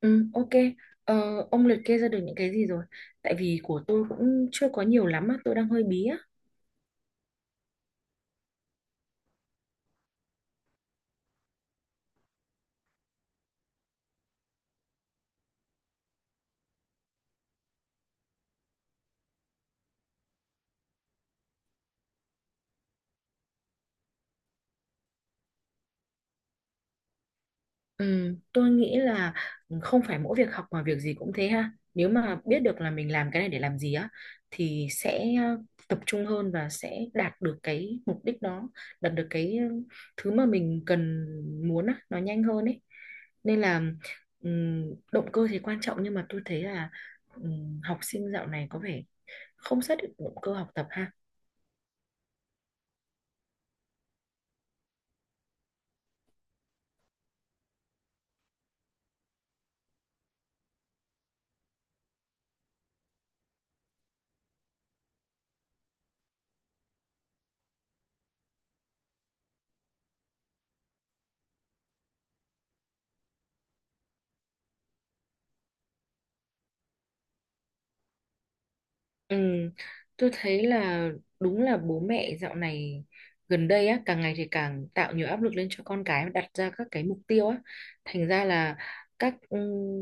Ừ, ok. Ờ, ông liệt kê ra được những cái gì rồi? Tại vì của tôi cũng chưa có nhiều lắm á, tôi đang hơi bí á. Ừ, tôi nghĩ là không phải mỗi việc học mà việc gì cũng thế ha. Nếu mà biết được là mình làm cái này để làm gì á, thì sẽ tập trung hơn và sẽ đạt được cái mục đích đó, đạt được cái thứ mà mình cần muốn á, nó nhanh hơn ấy. Nên là ừm, Động cơ thì quan trọng nhưng mà tôi thấy là học sinh dạo này có vẻ không xác định động cơ học tập ha. Ừ, tôi thấy là đúng là bố mẹ dạo này gần đây á càng ngày thì càng tạo nhiều áp lực lên cho con cái đặt ra các cái mục tiêu á, thành ra là các ừ,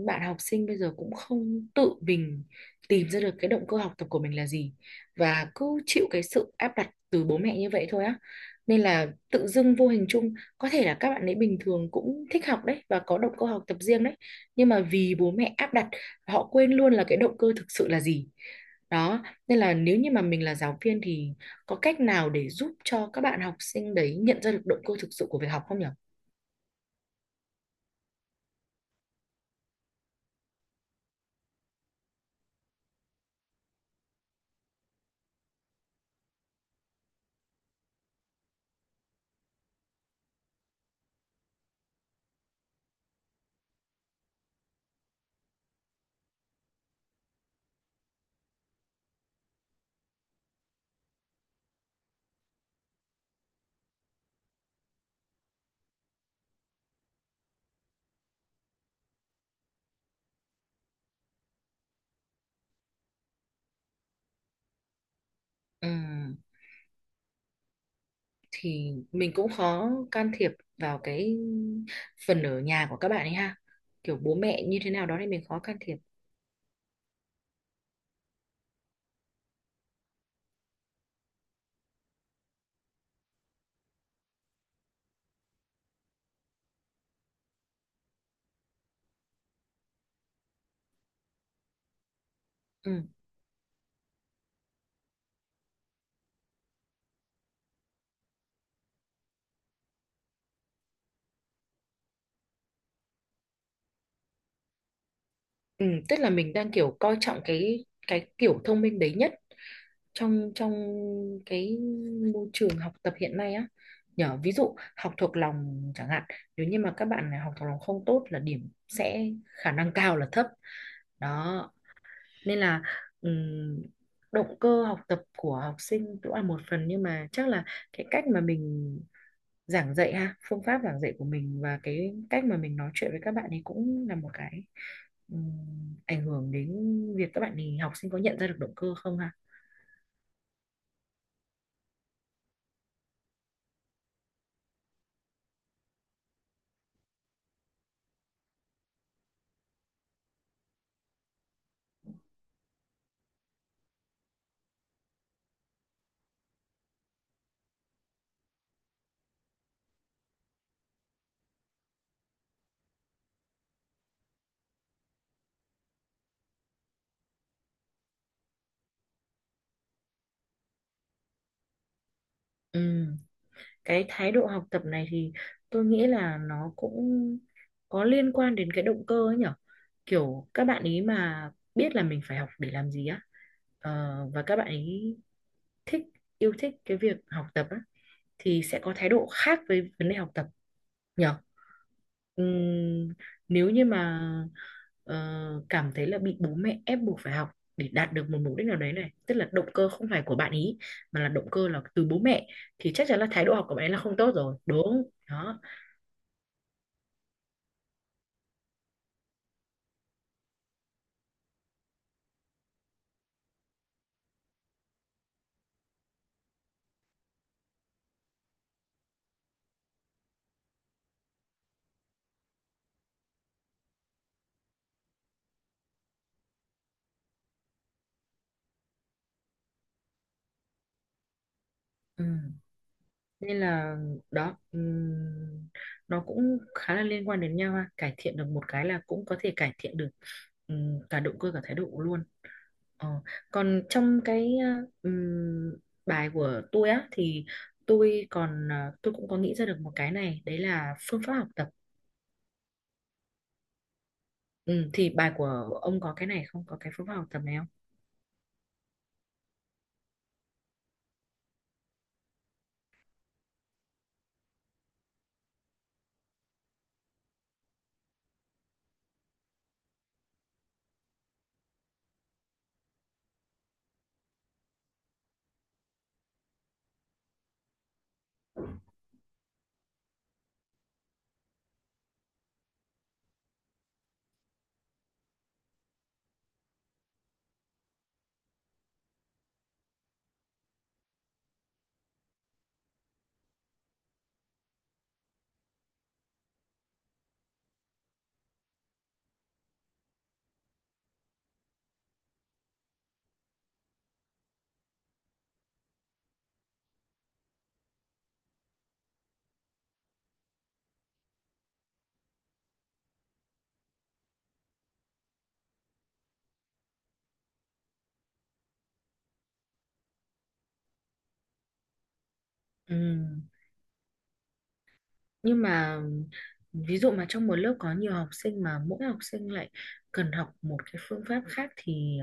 bạn học sinh bây giờ cũng không tự mình tìm ra được cái động cơ học tập của mình là gì, và cứ chịu cái sự áp đặt từ bố mẹ như vậy thôi á, nên là tự dưng vô hình chung có thể là các bạn ấy bình thường cũng thích học đấy và có động cơ học tập riêng đấy, nhưng mà vì bố mẹ áp đặt họ quên luôn là cái động cơ thực sự là gì đó, nên là nếu như mà mình là giáo viên thì có cách nào để giúp cho các bạn học sinh đấy nhận ra được động cơ thực sự của việc học không nhỉ? Ừm, thì mình cũng khó can thiệp vào cái phần ở nhà của các bạn ấy ha. Kiểu bố mẹ như thế nào đó thì mình khó can thiệp. Ừm, Tức là mình đang kiểu coi trọng cái kiểu thông minh đấy nhất trong trong cái môi trường học tập hiện nay á, nhờ ví dụ học thuộc lòng chẳng hạn, nếu như mà các bạn này học thuộc lòng không tốt là điểm sẽ khả năng cao là thấp đó. Nên là ừm, Động cơ học tập của học sinh cũng là một phần nhưng mà chắc là cái cách mà mình giảng dạy ha, phương pháp giảng dạy của mình và cái cách mà mình nói chuyện với các bạn ấy cũng là một cái ảnh hưởng đến việc các bạn ấy học sinh có nhận ra được động cơ không ha. Ừ, cái thái độ học tập này thì tôi nghĩ là nó cũng có liên quan đến cái động cơ ấy nhở, kiểu các bạn ý mà biết là mình phải học để làm gì á, ờ, và các bạn ý thích yêu thích cái việc học tập á thì sẽ có thái độ khác với vấn đề học tập nhỉ. Ừm, Nếu như mà ờ, cảm thấy là bị bố mẹ ép buộc phải học để đạt được một mục đích nào đấy, này tức là động cơ không phải của bạn ý mà là động cơ là từ bố mẹ, thì chắc chắn là thái độ học của bạn ấy là không tốt rồi đúng đó. Ừm, Nên là đó nó cũng khá là liên quan đến nhau ha, cải thiện được một cái là cũng có thể cải thiện được cả động cơ cả thái độ luôn. Ờ, Còn trong cái ừm, bài của tôi á thì tôi còn tôi cũng có nghĩ ra được một cái này đấy là phương pháp học tập. Thì bài của ông có cái này không, có cái phương pháp học tập này không? Ừm, nhưng mà ví dụ mà trong một lớp có nhiều học sinh mà mỗi học sinh lại cần học một cái phương pháp khác thì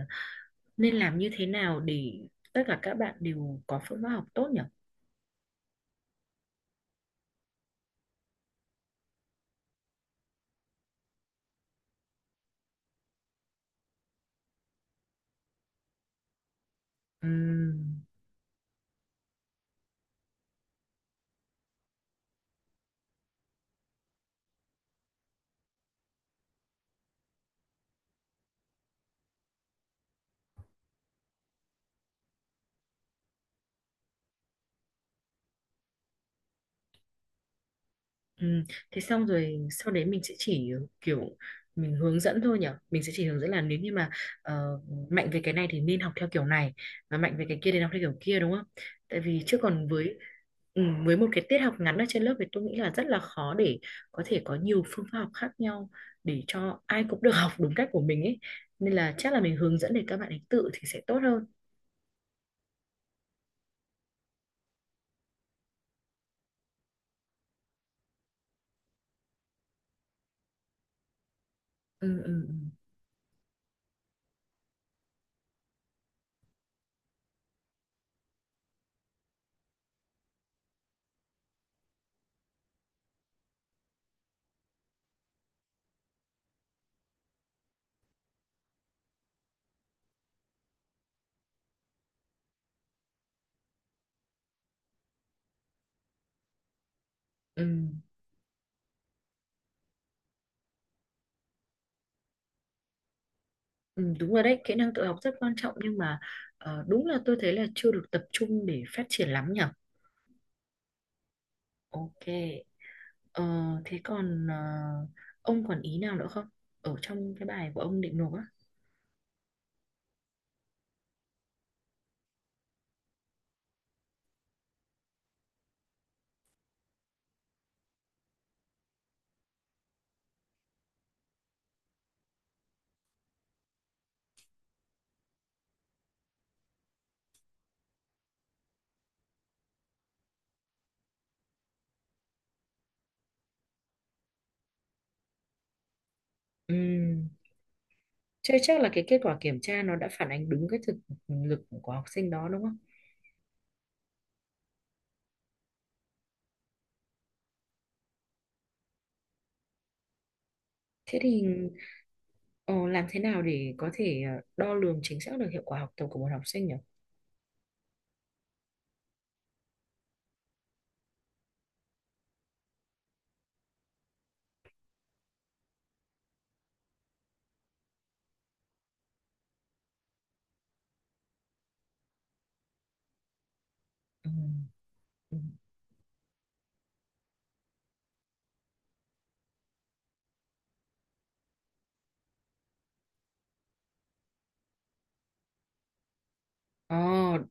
nên làm như thế nào để tất cả các bạn đều có phương pháp học tốt nhỉ? Ừ. Thế xong rồi sau đấy mình sẽ chỉ kiểu mình hướng dẫn thôi nhỉ, mình sẽ chỉ hướng dẫn là nếu như mà ờ, mạnh về cái này thì nên học theo kiểu này và mạnh về cái kia thì học theo kiểu kia đúng không, tại vì chứ còn với với một cái tiết học ngắn ở trên lớp thì tôi nghĩ là rất là khó để có thể có nhiều phương pháp học khác nhau để cho ai cũng được học đúng cách của mình ấy, nên là chắc là mình hướng dẫn để các bạn ấy tự thì sẽ tốt hơn. ừ, ừ, ừ. Ừ. Ừ, đúng rồi đấy, kỹ năng tự học rất quan trọng nhưng mà đúng là tôi thấy là chưa được tập trung để phát triển lắm nhở. Ok, ờ, thế còn ông còn ý nào nữa không? Ở trong cái bài của ông định nộp á. Ừm, Thế chắc là cái kết quả kiểm tra nó đã phản ánh đúng cái thực lực của học sinh đó đúng không? Thế thì ờ, làm thế nào để có thể đo lường chính xác được hiệu quả học tập của một học sinh nhỉ? Ừ. Ừ.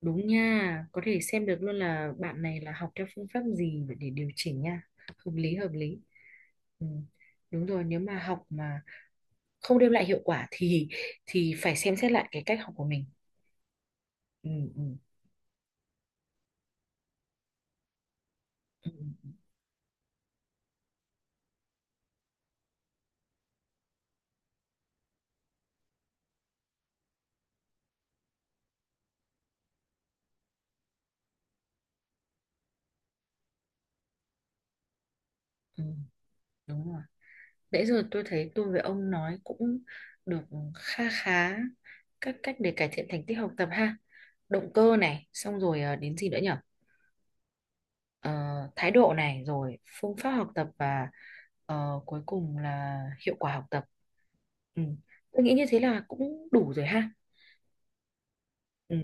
Đúng nha, có thể xem được luôn là bạn này là học theo phương pháp gì để điều chỉnh nha. Hợp lý, hợp lý. Ừ. Đúng rồi, nếu mà học mà không đem lại hiệu quả thì phải xem xét lại cái cách học của mình. Ừ, ừ, ừ, ừ, đúng rồi. Nãy giờ tôi thấy tôi với ông nói cũng được kha khá các cách để cải thiện thành tích học tập ha. Động cơ này, xong rồi đến gì nữa nhỉ? ờ, Thái độ này rồi phương pháp học tập và cuối cùng là hiệu quả học tập. Ừ. Tôi nghĩ như thế là cũng đủ rồi ha. Ừ.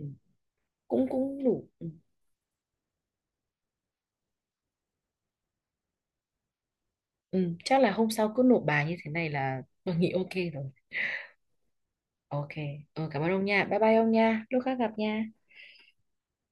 cũng Cũng đủ. Ừ. Ừ. Chắc là hôm sau cứ nộp bài như thế này là tôi nghĩ ok rồi. Ok. Ừ, cảm ơn ông nha, bye bye ông nha, lúc khác gặp nha.